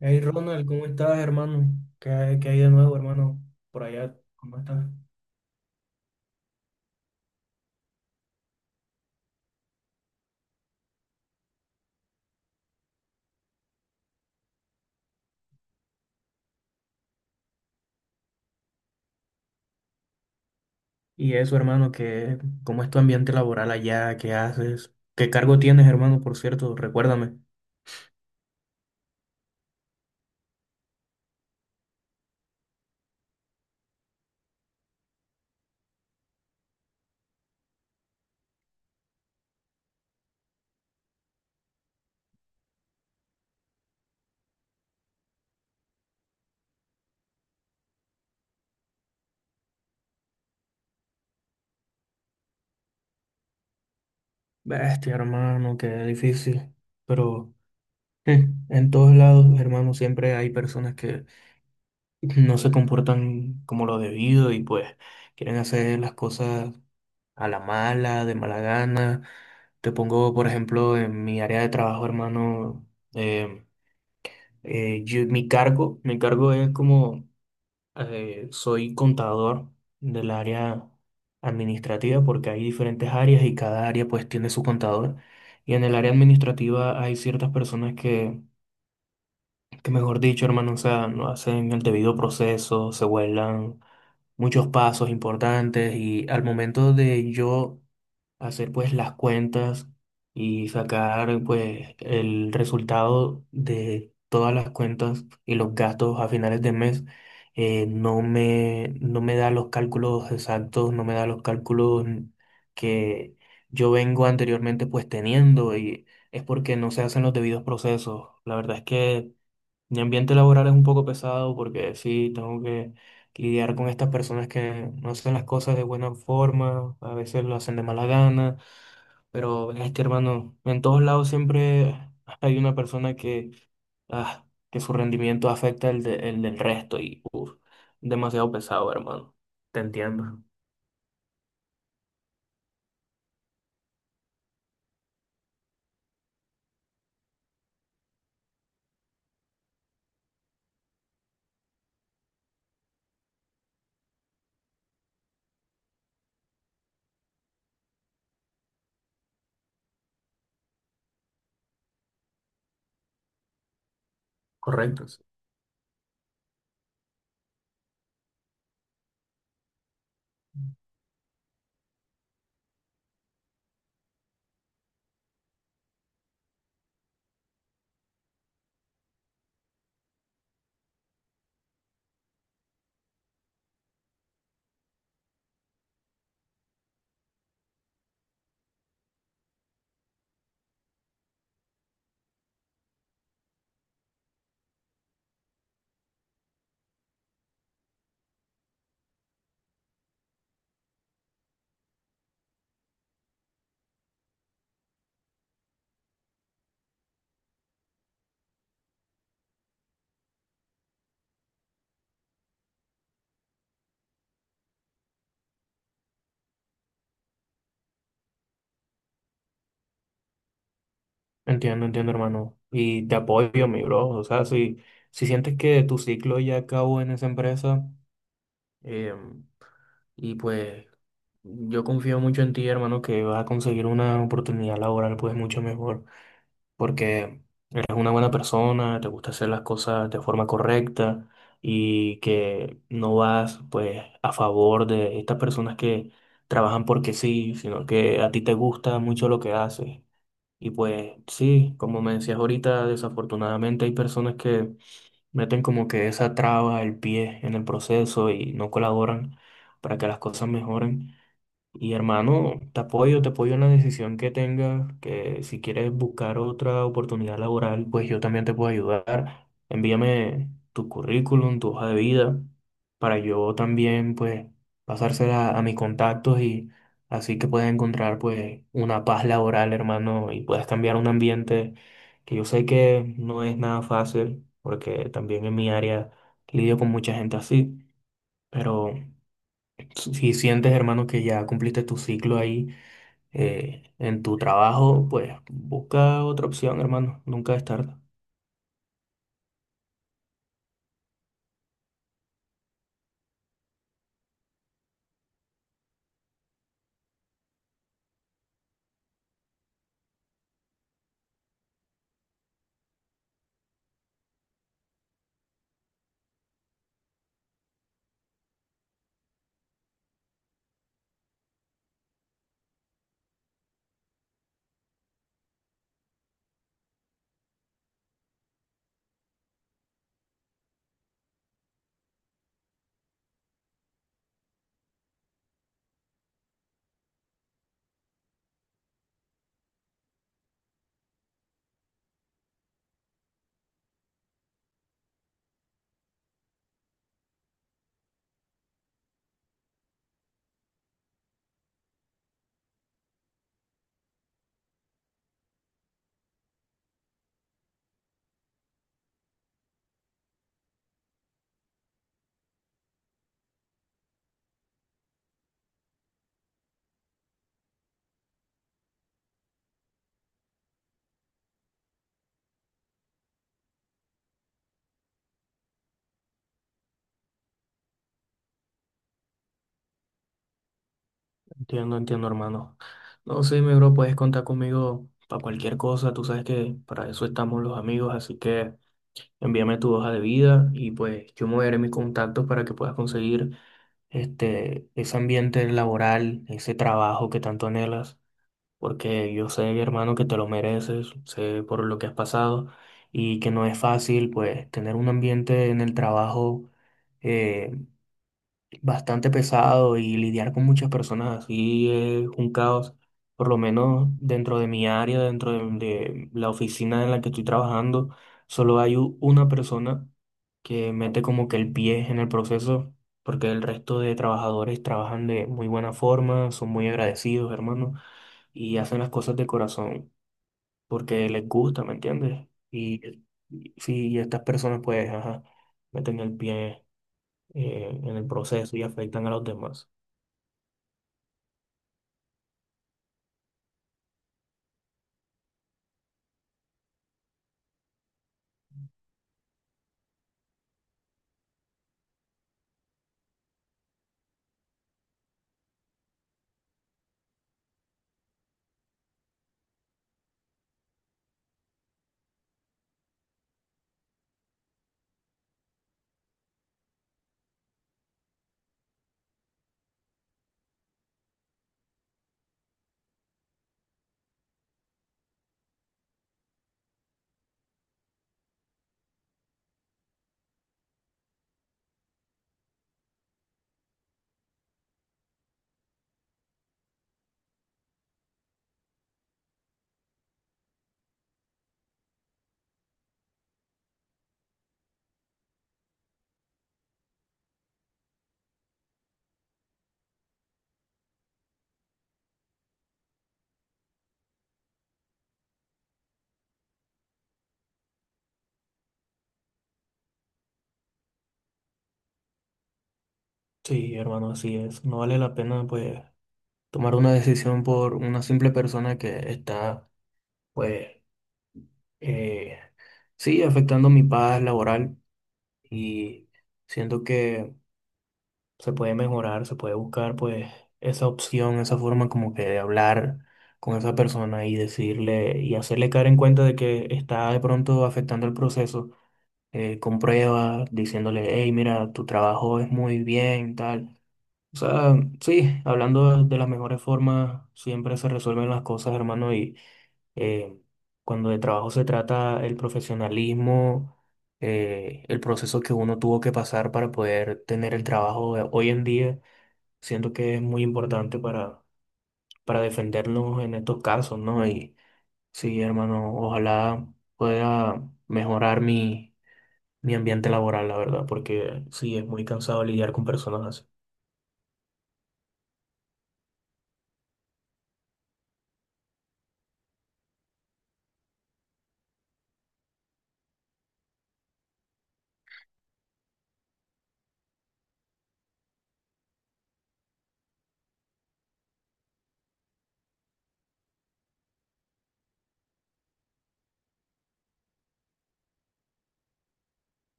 Hey Ronald, ¿cómo estás, hermano? ¿Qué hay de nuevo, hermano? Por allá, ¿cómo estás? Y eso, hermano, ¿qué, cómo es tu ambiente laboral allá? ¿Qué haces? ¿Qué cargo tienes, hermano, por cierto? Recuérdame. Bestia, hermano, qué difícil. Pero en todos lados, hermano, siempre hay personas que no se comportan como lo debido y pues quieren hacer las cosas a la mala, de mala gana. Te pongo, por ejemplo, en mi área de trabajo, hermano. em, mi cargo es como soy contador del área administrativa porque hay diferentes áreas y cada área pues tiene su contador. Y en el área administrativa hay ciertas personas que mejor dicho, hermano, o sea, no hacen el debido proceso, se vuelan muchos pasos importantes y al momento de yo hacer pues las cuentas y sacar pues el resultado de todas las cuentas y los gastos a finales de mes, no me da los cálculos exactos, no me da los cálculos que yo vengo anteriormente pues teniendo y es porque no se hacen los debidos procesos. La verdad es que mi ambiente laboral es un poco pesado porque sí, tengo que lidiar con estas personas que no hacen las cosas de buena forma, a veces lo hacen de mala gana, pero este hermano, en todos lados siempre hay una persona ah, que su rendimiento afecta el del resto y uf, demasiado pesado, hermano. Te entiendo. Correcto, sí. Entiendo, entiendo, hermano. Y te apoyo, mi bro. O sea, si sientes que tu ciclo ya acabó en esa empresa, em, y pues yo confío mucho en ti, hermano, que vas a conseguir una oportunidad laboral pues mucho mejor, porque eres una buena persona, te gusta hacer las cosas de forma correcta y que no vas pues a favor de estas personas que trabajan porque sí, sino que a ti te gusta mucho lo que haces. Y pues sí, como me decías ahorita, desafortunadamente hay personas que meten como que esa traba, el pie en el proceso y no colaboran para que las cosas mejoren. Y hermano, te apoyo en la decisión que tengas, que si quieres buscar otra oportunidad laboral, pues yo también te puedo ayudar. Envíame tu currículum, tu hoja de vida, para yo también, pues, pasársela a mis contactos y así que puedas encontrar, pues, una paz laboral, hermano, y puedas cambiar un ambiente que yo sé que no es nada fácil, porque también en mi área lidio con mucha gente así, pero si sientes, hermano, que ya cumpliste tu ciclo ahí, en tu trabajo, pues busca otra opción, hermano. Nunca es tarde. Entiendo, entiendo, hermano. No, sí, mi bro, puedes contar conmigo para cualquier cosa. Tú sabes que para eso estamos los amigos, así que envíame tu hoja de vida y pues yo moveré mis contactos para que puedas conseguir este, ese ambiente laboral, ese trabajo que tanto anhelas, porque yo sé, hermano, que te lo mereces, sé por lo que has pasado y que no es fácil, pues, tener un ambiente en el trabajo eh, bastante pesado, y lidiar con muchas personas así es un caos, por lo menos dentro de mi área, dentro de la oficina en la que estoy trabajando, solo hay una persona que mete como que el pie en el proceso, porque el resto de trabajadores trabajan de muy buena forma, son muy agradecidos, hermano, y hacen las cosas de corazón porque les gusta, ¿me entiendes? Y sí, y estas personas pues, ajá, meten el pie en el proceso y afectan a los demás. Sí, hermano, así es. No vale la pena pues tomar una decisión por una simple persona que está pues, eh, sí, afectando mi paz laboral y siento que se puede mejorar, se puede buscar pues esa opción, esa forma como que de hablar con esa persona y decirle y hacerle caer en cuenta de que está de pronto afectando el proceso, con pruebas, diciéndole, hey, mira, tu trabajo es muy bien, tal. O sea, sí, hablando de las mejores formas, siempre se resuelven las cosas, hermano, y eh, cuando de trabajo se trata, el profesionalismo, el proceso que uno tuvo que pasar para poder tener el trabajo de hoy en día, siento que es muy importante para defendernos en estos casos, ¿no? Y sí, hermano, ojalá pueda mejorar mi ambiente laboral, la verdad, porque sí, es muy cansado lidiar con personas así.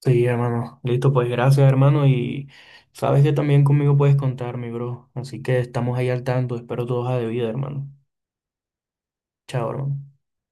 Sí, hermano. Listo, pues gracias, hermano. Y sabes que también conmigo puedes contar, mi bro. Así que estamos ahí al tanto. Espero tu hoja de vida, hermano. Chao, hermano.